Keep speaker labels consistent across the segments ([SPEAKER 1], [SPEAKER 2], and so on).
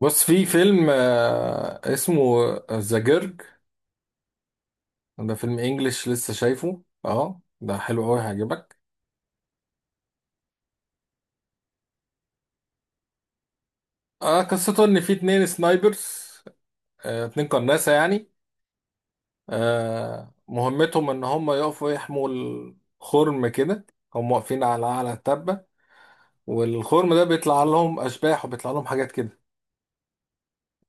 [SPEAKER 1] بص في فيلم اسمه ذا جيرج. ده فيلم انجليش لسه شايفه، اه ده حلو قوي هيعجبك. قصته ان في اتنين سنايبرز، اتنين قناصة يعني. مهمتهم ان هم يقفوا يحموا الخرم كده، هم واقفين على التبة، والخرم ده بيطلع لهم اشباح وبيطلع لهم حاجات كده،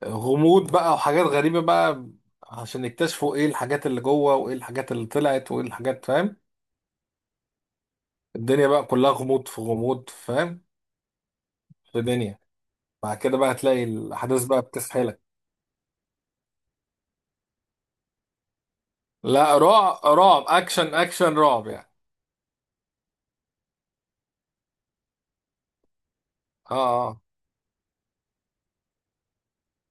[SPEAKER 1] غموض بقى وحاجات غريبة بقى، عشان يكتشفوا ايه الحاجات اللي جوه وايه الحاجات اللي طلعت وايه الحاجات، فاهم؟ الدنيا بقى كلها غموض في غموض، فاهم؟ في دنيا. بعد كده بقى هتلاقي الاحداث بقى بتسحلك. لا، رعب رعب اكشن، اكشن رعب يعني. اه، اه.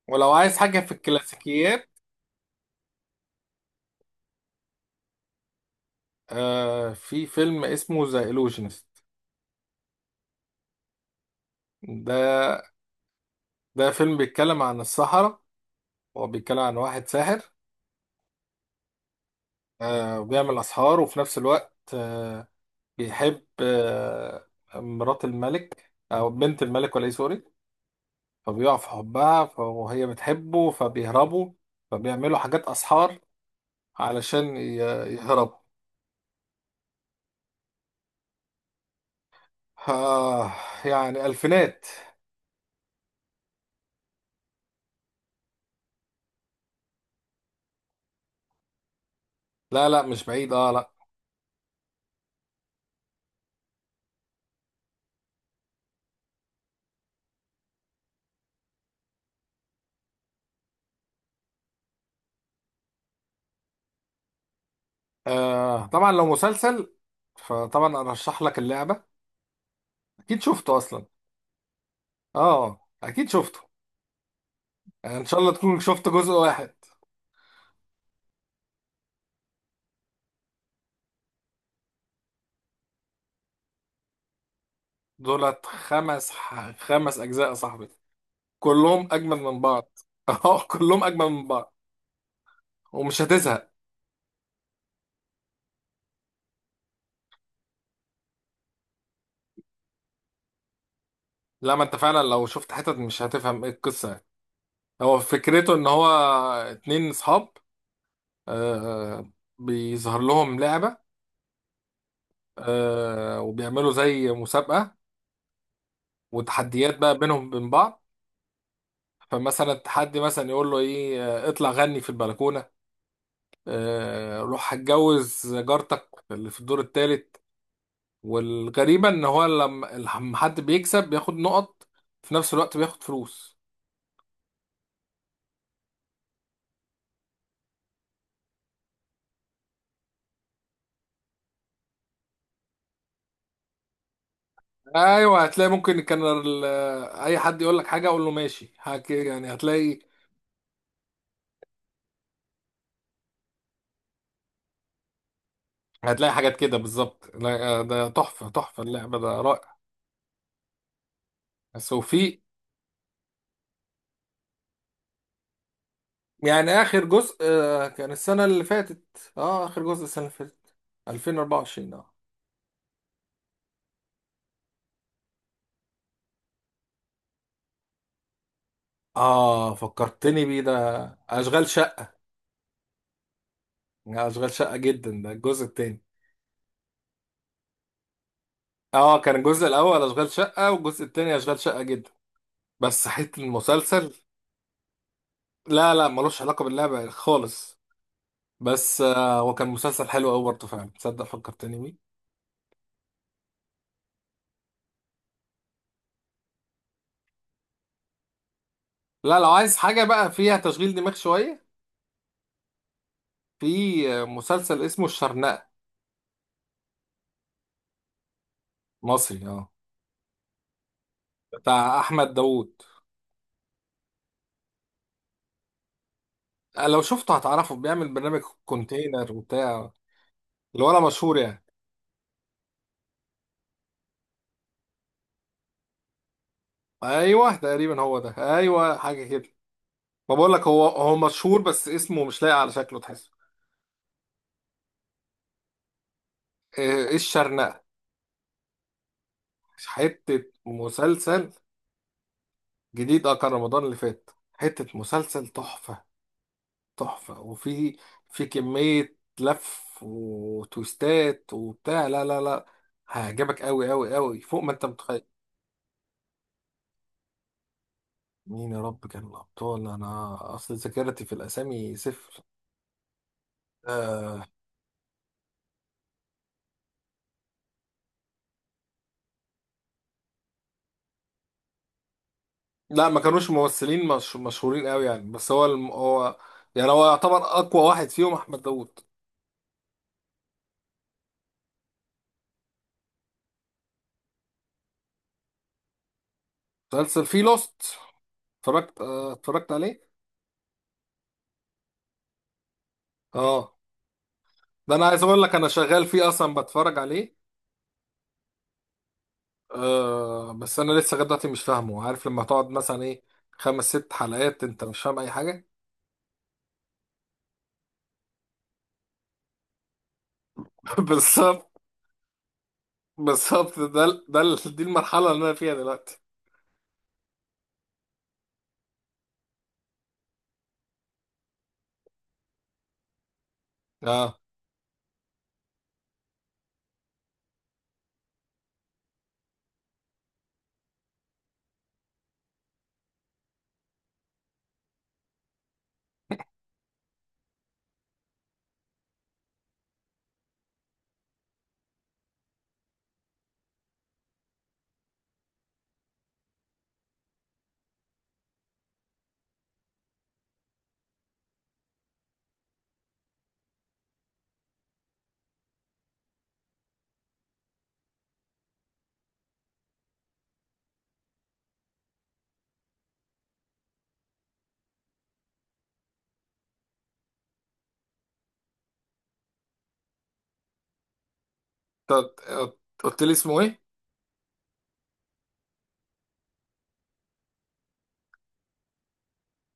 [SPEAKER 1] ولو عايز حاجه في الكلاسيكيات، في فيلم اسمه ذا illusionist. ده فيلم بيتكلم عن السحرة، هو بيتكلم عن واحد ساحر. وبيعمل اسحار، وفي نفس الوقت بيحب مرات الملك او بنت الملك ولا ايه، سوري. فبيقع في حبها، فهي بتحبه فبيهربوا، فبيعملوا حاجات اسحار علشان يهربوا. آه يعني ألفينات. لا لا، مش بعيد، اه لا. آه طبعا، لو مسلسل فطبعا أرشح لك اللعبة. أكيد شفته أصلا. اه أكيد شفته، يعني إن شاء الله تكون شفت جزء واحد. دولت خمس، خمس أجزاء يا صاحبي، كلهم أجمل من بعض. اه كلهم أجمل من بعض، ومش هتزهق. لا، ما أنت فعلا لو شفت حتت مش هتفهم إيه القصة يعني. هو فكرته إن هو اتنين صحاب. آه. آه، بيظهر لهم لعبة، وبيعملوا زي مسابقة وتحديات بقى بينهم بين بعض. فمثلا التحدي مثلا يقول له ايه، اطلع غني في البلكونة، آه روح هتجوز جارتك اللي في الدور الثالث. والغريبة ان هو لما حد بيكسب بياخد نقط، في نفس الوقت بياخد فلوس. ايوه، هتلاقي ممكن كان اي حد يقول لك حاجة اقول له ماشي يعني هتلاقي، هتلاقي حاجات كده بالظبط. لا، آه، ده تحفة، تحفة، اللعبة ده رائع. بس وفي يعني آخر جزء كان السنة اللي فاتت، اه آخر جزء السنة اللي فاتت 2024. اه اه، فكرتني بيه ده، أشغال شقة، أشغال شقة جدا ده الجزء التاني. اه كان الجزء الأول أشغال شقة والجزء التاني أشغال شقة جدا، بس حتة المسلسل. لا لا، ملوش علاقة باللعبة خالص، بس آه هو كان مسلسل حلو أوي برضه فعلا، تصدق فكرتني بيه. لا، لو عايز حاجة بقى فيها تشغيل دماغ شوية، في مسلسل اسمه الشرنقة. مصري اه، بتاع أحمد داوود. لو شفته هتعرفه، بيعمل برنامج كونتينر وبتاع، اللي ولا مشهور يعني. ايوه تقريبا هو ده، ايوه حاجه كده. ما بقول لك، هو مشهور بس اسمه مش لاقي، على شكله تحسه. ايه إيه، الشرنقه. حته مسلسل جديد، اه كان رمضان اللي فات، حته مسلسل تحفه، تحفه. وفي، في كميه لف وتويستات وبتاع، لا لا لا، هيعجبك قوي قوي قوي فوق ما انت متخيل. مين يا رب كان الابطال، انا اصل ذاكرتي في الاسامي صفر. آه لا، ما كانوش ممثلين مش مشهورين قوي يعني، بس هو هو يعني هو يعتبر اقوى واحد فيهم احمد داوود. مسلسل فيه لوست، اتفرجت اتفرجت عليه. اه ده انا عايز اقول لك، انا شغال فيه اصلا بتفرج عليه. آه، بس انا لسه لغايه دلوقتي مش فاهمه، عارف لما تقعد مثلا ايه، خمس ست حلقات انت مش فاهم اي حاجه. بالظبط، بالظبط، دي المرحله اللي انا فيها دلوقتي. اه أنت قلت، قلت لي اسمه ايه؟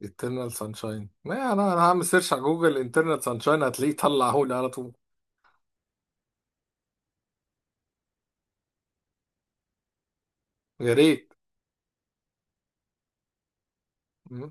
[SPEAKER 1] eternal sunshine، ما انا هعمل سيرش على جوجل eternal sunshine هتلاقيه طلع هولي على طول. يا ريت. م?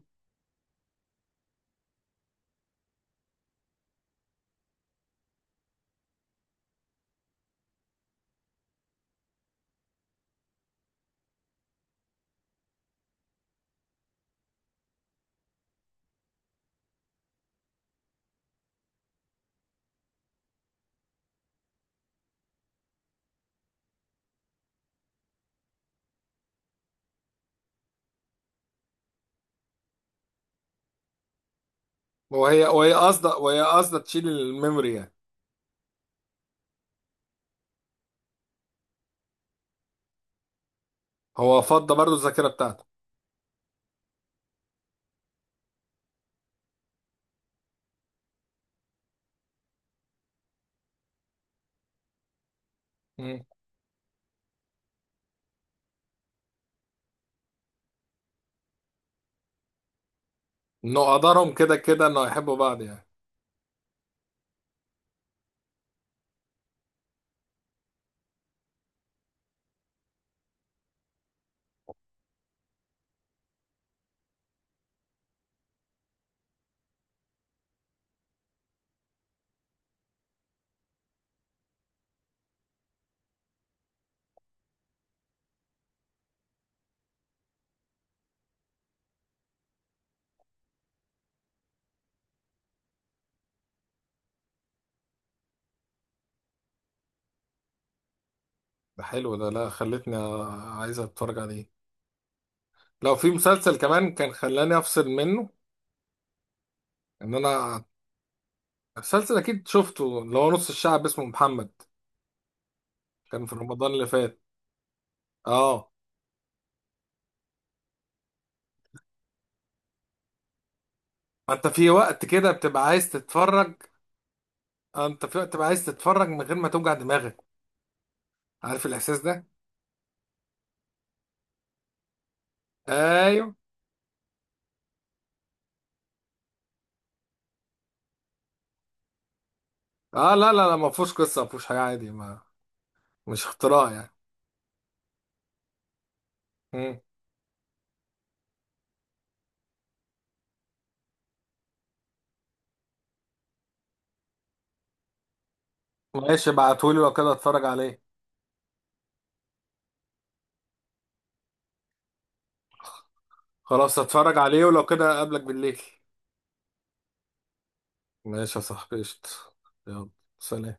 [SPEAKER 1] وهي قصده تشيل الميموري يعني. هو فضى برضو الذاكره بتاعته. م? انه قدرهم كده كده انه يحبوا بعض يعني. ده حلو ده، لا خلتني عايز اتفرج عليه. لو في مسلسل كمان كان خلاني افصل منه، ان انا. مسلسل اكيد شفته، اللي هو نص الشعب اسمه محمد. كان في رمضان اللي فات، اه. انت في وقت كده بتبقى عايز تتفرج. اه انت في وقت بقى عايز تتفرج من غير ما توجع دماغك، عارف الاحساس ده. ايوه. اه لا لا لا، ما فيهوش قصه، ما فيهوش حاجه عادي، ما مش اختراع يعني. مم. ماشي، ابعتهولي لو كده اتفرج عليه. خلاص اتفرج عليه ولو كده اقابلك بالليل. ماشي يا صاحبي، قشطة. يلا، سلام.